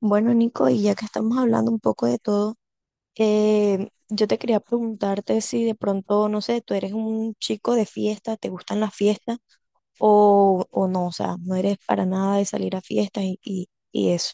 Bueno, Nico, y ya que estamos hablando un poco de todo, yo te quería preguntarte si de pronto, no sé, tú eres un chico de fiesta, te gustan las fiestas o, no, o sea, no eres para nada de salir a fiestas y eso.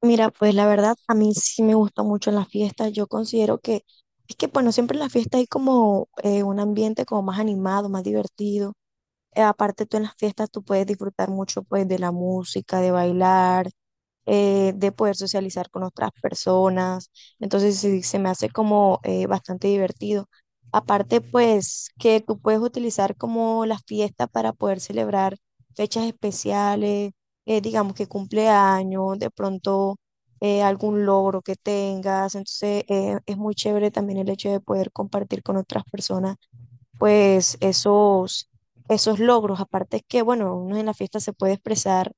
Mira, pues la verdad, a mí sí me gusta mucho las fiestas, yo considero que, es que bueno, siempre en las fiestas hay como un ambiente como más animado, más divertido. Aparte tú en las fiestas tú puedes disfrutar mucho pues de la música, de bailar, de poder socializar con otras personas. Entonces sí, se me hace como bastante divertido. Aparte, pues que tú puedes utilizar como las fiestas para poder celebrar fechas especiales, digamos que cumpleaños, de pronto algún logro que tengas. Entonces es muy chévere también el hecho de poder compartir con otras personas pues esos logros. Aparte es que, bueno, uno en la fiesta se puede expresar,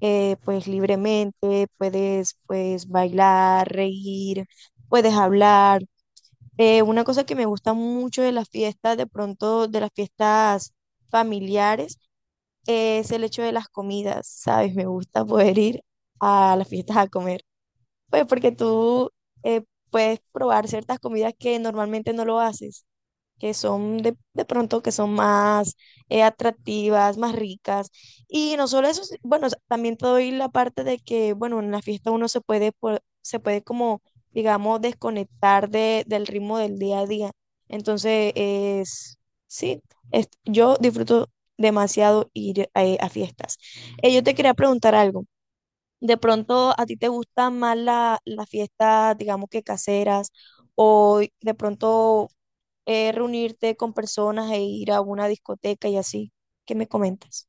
pues libremente, puedes pues bailar, reír, puedes hablar. Una cosa que me gusta mucho de las fiestas, de pronto de las fiestas familiares, es el hecho de las comidas, ¿sabes? Me gusta poder ir a las fiestas a comer, pues porque tú eh, puedes probar ciertas comidas que normalmente no lo haces, que son de pronto que son más, atractivas, más ricas. Y no solo eso, bueno, también te doy la parte de que, bueno, en la fiesta uno se puede, se puede como, digamos, desconectar del ritmo del día a día. Entonces, es, sí, yo disfruto demasiado ir, a fiestas. Yo te quería preguntar algo. ¿De pronto a ti te gustan más las fiestas, digamos que caseras, o de pronto reunirte con personas e ir a una discoteca y así? ¿Qué me comentas?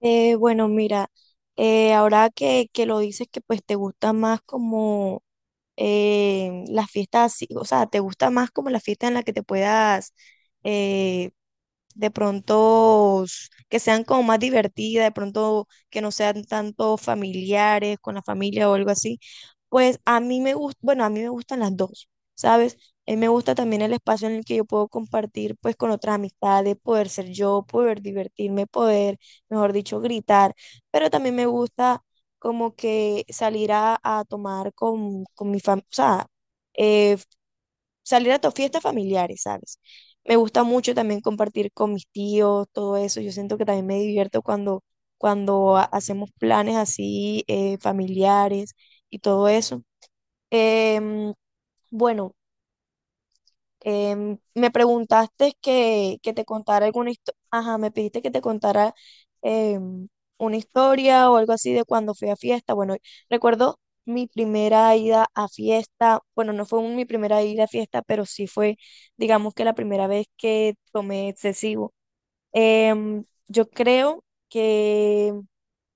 Bueno, mira, ahora que lo dices que pues te gusta más como las fiestas así, o sea, te gusta más como la fiesta en la que te puedas, eh, de pronto que sean como más divertidas, de pronto que no sean tanto familiares con la familia o algo así, pues a mí me gusta, bueno, a mí me gustan las dos, ¿sabes? A mí me gusta también el espacio en el que yo puedo compartir pues con otras amistades, poder ser yo, poder divertirme, poder, mejor dicho, gritar, pero también me gusta como que salir a tomar con mi familia, o sea, eh, salir a tus fiestas familiares, ¿sabes? Me gusta mucho también compartir con mis tíos, todo eso. Yo siento que también me divierto cuando, cuando hacemos planes así, familiares y todo eso. Em, bueno, me preguntaste que te contara alguna historia, ajá, me pediste que te contara, em, una historia o algo así de cuando fui a fiesta. Bueno, recuerdo mi primera ida a fiesta, bueno, no fue mi primera ida a fiesta, pero sí fue, digamos que la primera vez que tomé excesivo. Yo creo que,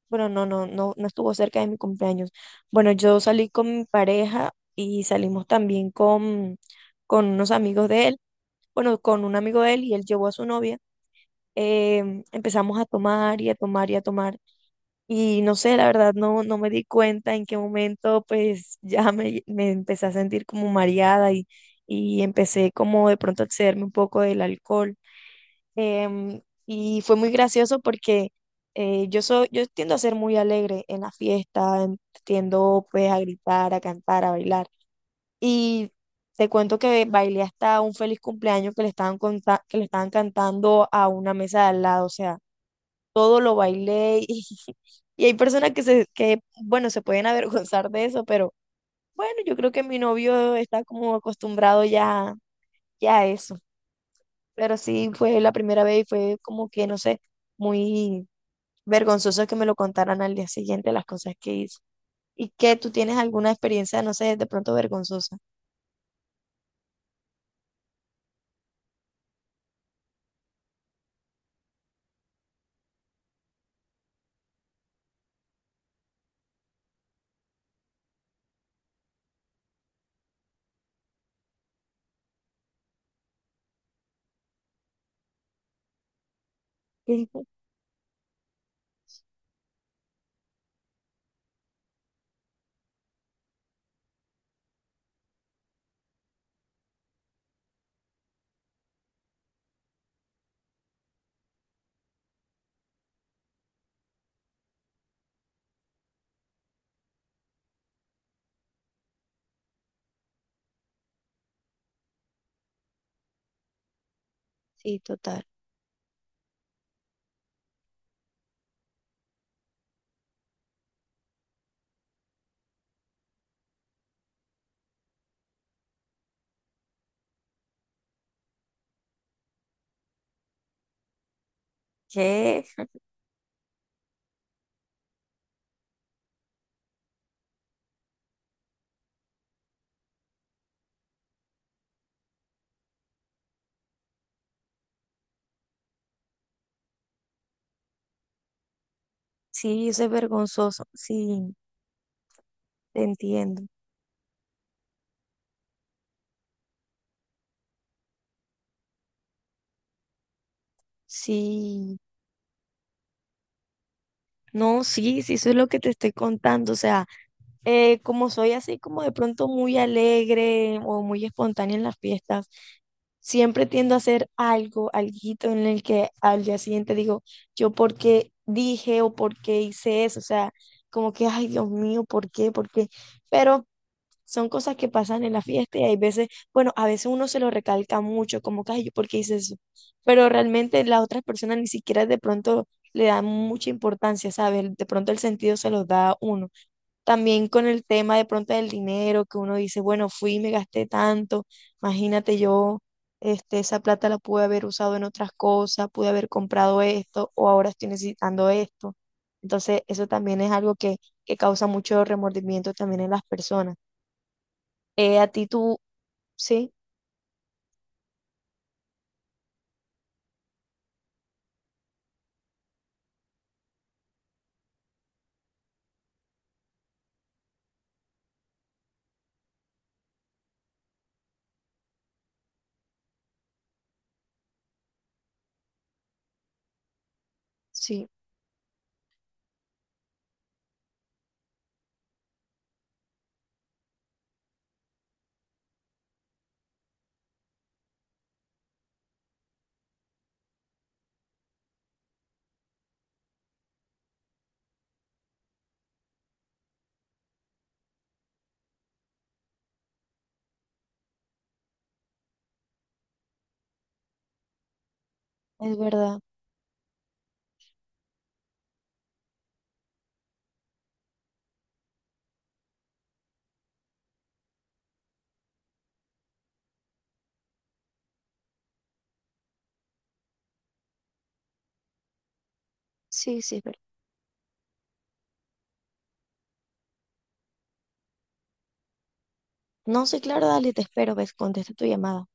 bueno, no estuvo cerca de mi cumpleaños. Bueno, yo salí con mi pareja y salimos también con unos amigos de él, bueno, con un amigo de él y él llevó a su novia. Em, empezamos a tomar y a tomar y a tomar. Y no sé, la verdad, no me di cuenta en qué momento, pues me empecé a sentir como mareada y empecé como de pronto a excederme un poco del alcohol. Em, y fue muy gracioso porque, yo tiendo a ser muy alegre en la fiesta, tiendo pues a gritar, a cantar, a bailar. Y te cuento que bailé hasta un feliz cumpleaños que le estaban, que le estaban cantando a una mesa de al lado. O sea, todo lo bailé. Y, y hay personas que, bueno, se pueden avergonzar de eso, pero bueno, yo creo que mi novio está como acostumbrado ya, ya a eso. Pero sí, fue la primera vez y fue como que, no sé, muy vergonzoso que me lo contaran al día siguiente las cosas que hice. ¿Y que tú tienes alguna experiencia, no sé, de pronto vergonzosa? Sí, total. ¿Qué? Sí, eso es vergonzoso. Sí, te entiendo. Sí, no, sí, sí, eso es lo que te estoy contando. O sea, como soy así, como de pronto muy alegre o muy espontánea en las fiestas, siempre tiendo a hacer algo, alguito en el que al día siguiente digo, yo por qué dije o por qué hice eso. O sea, como que, ay, Dios mío, ¿por qué? ¿Por qué? Pero son cosas que pasan en la fiesta y hay veces, bueno, a veces uno se lo recalca mucho, como que, ay, ¿yo por qué hice eso? Pero realmente las otras personas ni siquiera de pronto le dan mucha importancia, ¿sabes? De pronto el sentido se los da a uno. También con el tema de pronto del dinero, que uno dice, bueno, fui y me gasté tanto, imagínate yo. Este, esa plata la pude haber usado en otras cosas, pude haber comprado esto o ahora estoy necesitando esto. Entonces, eso también es algo que causa mucho remordimiento también en las personas. A ti tú, sí, sí, es verdad. Sí, sí, es verdad. No, sí, claro, dale, te espero, ves, contesta tu llamada.